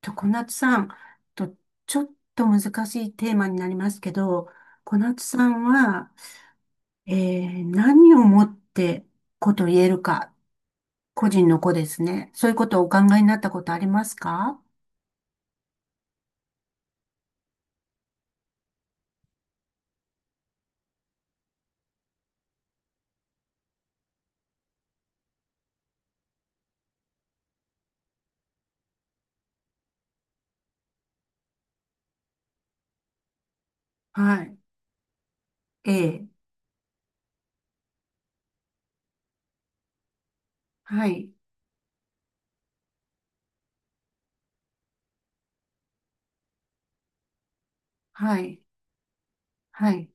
と、小夏さん、と、ちょっと難しいテーマになりますけど、小夏さんは、え何をもって子と言えるか、個人の子ですね。そういうことをお考えになったことありますか？はい。ええ。はい。はい。はい。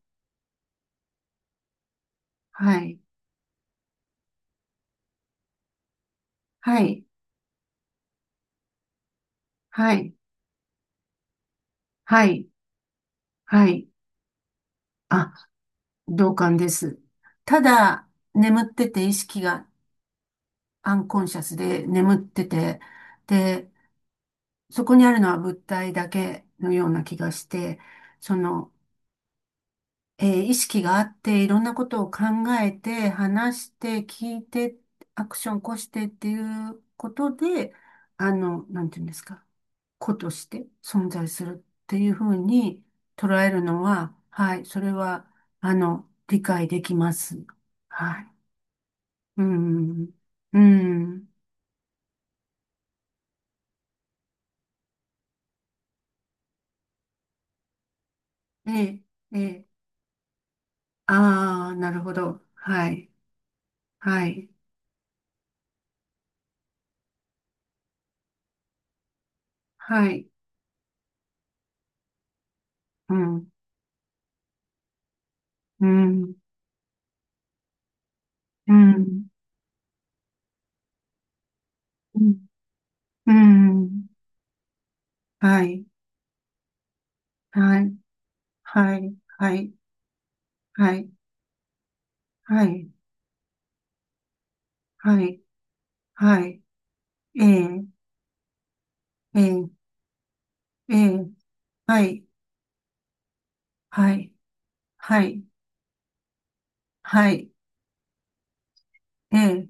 はい。はい。はい。はい。はい。あ、同感です。ただ、眠ってて意識がアンコンシャスで眠ってて、で、そこにあるのは物体だけのような気がして、その、意識があって、いろんなことを考えて、話して、聞いて、アクション起こしてっていうことで、なんていうんですか、個として存在するっていうふうに捉えるのは、はい、それは、あの、理解できます。はい。うん。うん。ええ、ええ。ああ、なるほど。はい。はい。はい。うん、うん、うん、うん、うん、はい、はい、はい、はい、はい、はい、はい、はい、ええ、ええ、ええ、はい、はい、はい、はい、ええ、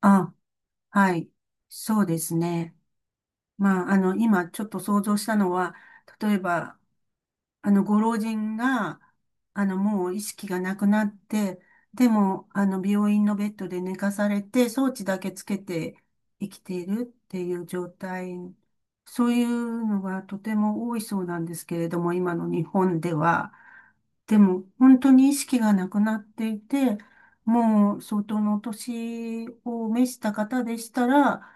あ、はい、そうですね。まあ、あの、今ちょっと想像したのは、例えば、あの、ご老人が、あの、もう意識がなくなって、でも、あの、病院のベッドで寝かされて、装置だけつけて生きているっていう状態、そういうのがとても多いそうなんですけれども、今の日本では。でも、本当に意識がなくなっていて、もう相当のお年を召した方でしたら、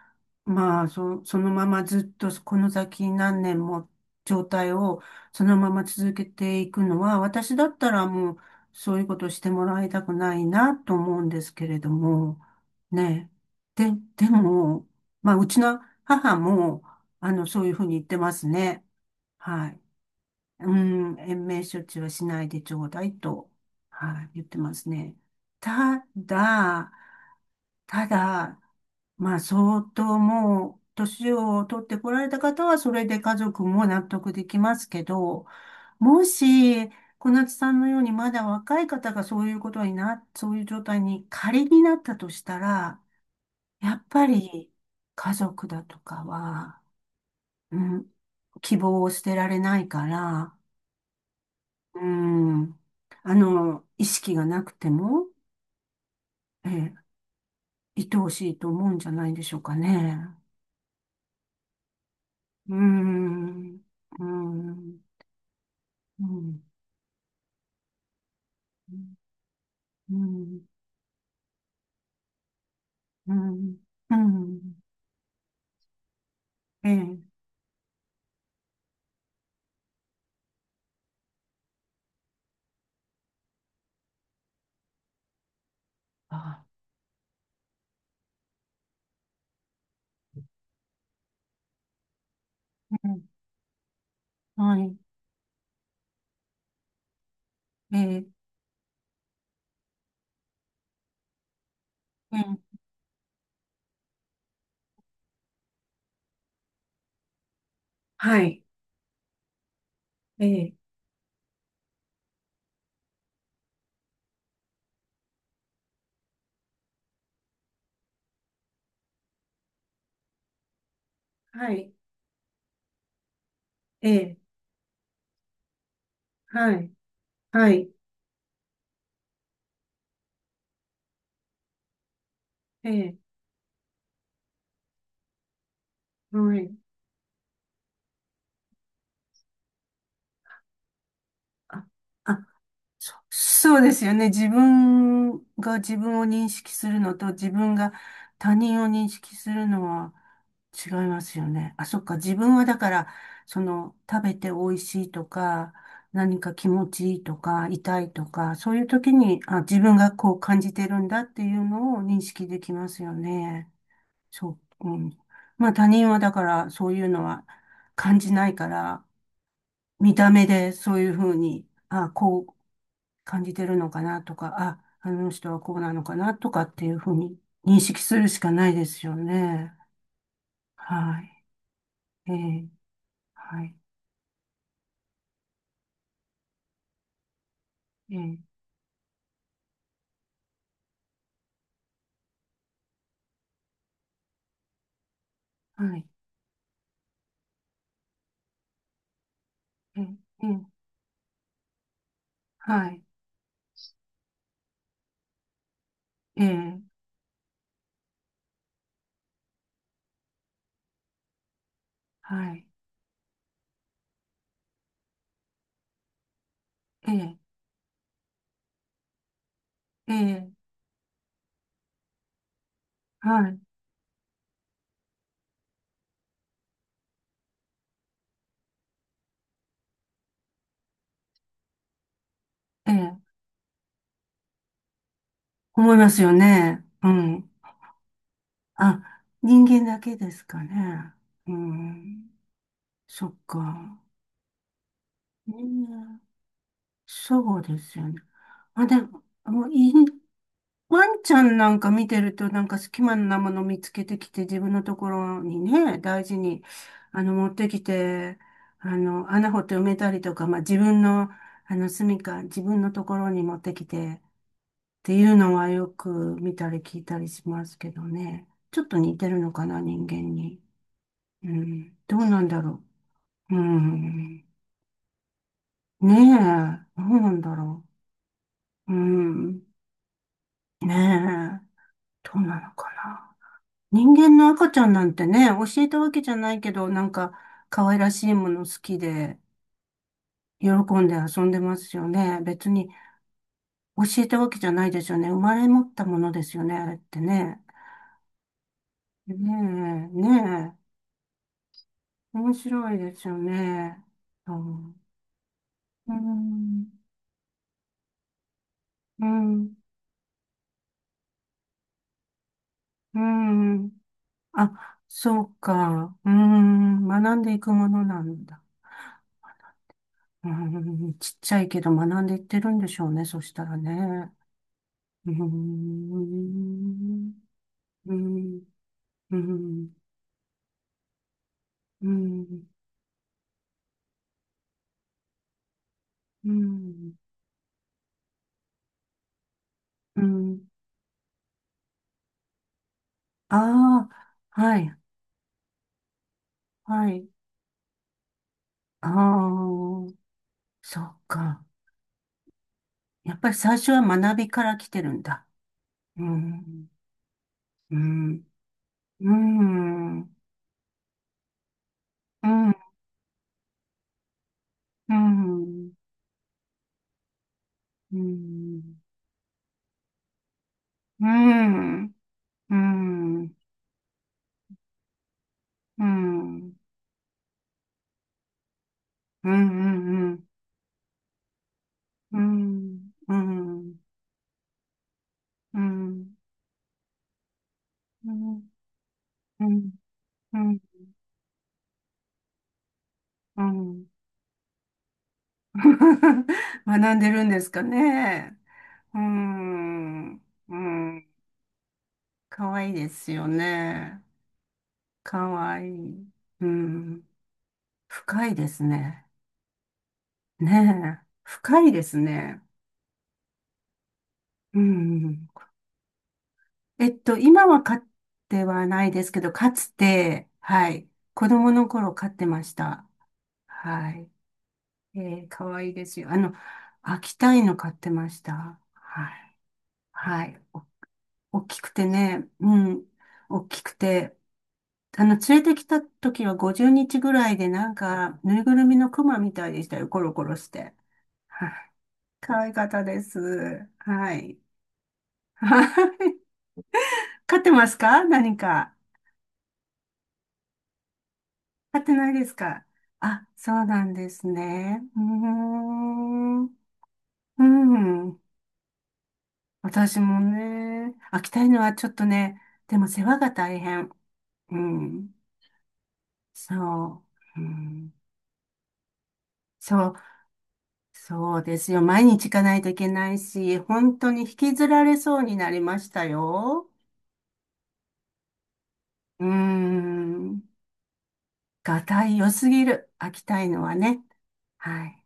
まあ、そのままずっとこの先何年も状態をそのまま続けていくのは、私だったらもうそういうことしてもらいたくないなと思うんですけれども、ねえ。で、でも、まあ、うちの母も、あの、そういうふうに言ってますね。はい。うん、延命処置はしないでちょうだいと、はい、言ってますね。ただ、ただ、まあ、相当もう、年を取ってこられた方は、それで家族も納得できますけど、もし、小夏さんのようにまだ若い方がそういうことにな、そういう状態に仮になったとしたら、やっぱり家族だとかは、うん、希望を捨てられないから、うん、あの、意識がなくても、ええ、愛おしいと思うんじゃないでしょうかね。うん、うんうん。うん。うん。うん。ええ。あ、ええ、はい。ええ。ええ。はい。ええ。はい。ええ。はい。はい。ええ。はい。あ、あ、そうですよね。自分が自分を認識するのと自分が他人を認識するのは違いますよね。あ、そっか。自分はだから、その食べて美味しいとか、何か気持ちいいとか、痛いとか、そういう時に、あ、自分がこう感じてるんだっていうのを認識できますよね。そう、うん。まあ他人はだからそういうのは感じないから、見た目でそういうふうに、あ、こう、感じてるのかなとか、あ、あの人はこうなのかなとかっていうふうに認識するしかないですよね。はい。えー、はい。えー、はい。えー、えーはい。えー、はい。えー、えーはい。えー、思いますよね。うん。あ、人間だけですかね。うん。そっか。ねえそうですよね。あ、でも、もういい、ワンちゃんなんか見てると、なんか隙間なもの見つけてきて、自分のところにね、大事に、あの、持ってきて、あの、穴掘って埋めたりとか、まあ、自分の、あの、住処、自分のところに持ってきて、っていうのはよく見たり聞いたりしますけどね。ちょっと似てるのかな、人間に。うん。どうなんだろう。うん。ねえ、どうなんだろう。うん。ねえ、どうなのかな。人間の赤ちゃんなんてね、教えたわけじゃないけど、なんか可愛らしいもの好きで、喜んで遊んでますよね。別に教えたわけじゃないですよね。生まれ持ったものですよね、あれってね。ねえ、ねえ、面白いですよね。うん、うん、うん、うん、あ、そうか。うん、学んでいくものなんだ。うん、ちっちゃいけど学んでいってるんでしょうね、そしたらね。うーん、うーん、うーん、うーん、うーん、うーん、ああ、はい、はい、ああ、そっか。やっぱり最初は学びから来てるんだ。うーん、うーん、うーん、うーん、うーん、うーん、うーん、うーん、うーん、うーん、うーん、うーん、うーん、うーん、うーん、うーん、うーん、うーん、 学んでるんですかね。うーん。うん。かわいいですよね。かわいい。うん。深いですね。ねえ。深いですね。うん。えっと、今は飼ってはないですけど、かつて、はい。子供の頃飼ってました。はい。えー、かわいいですよ。あの、秋田犬飼ってました。はい。はい。大きくてね、うん、大きくて、あの、連れてきた時は50日ぐらいで、なんか、ぬいぐるみのクマみたいでしたよ、コロコロして。はい。可愛かったです。はい。はい。飼ってますか何か。飼ってないですか？あ、そうなんですね。うーん。うん。私もね、飽きたいのはちょっとね、でも世話が大変。うん。そう。うん、そう、そうですよ。毎日行かないといけないし、本当に引きずられそうになりましたよ。うーん。がたい良すぎる。秋田いのはね。はい。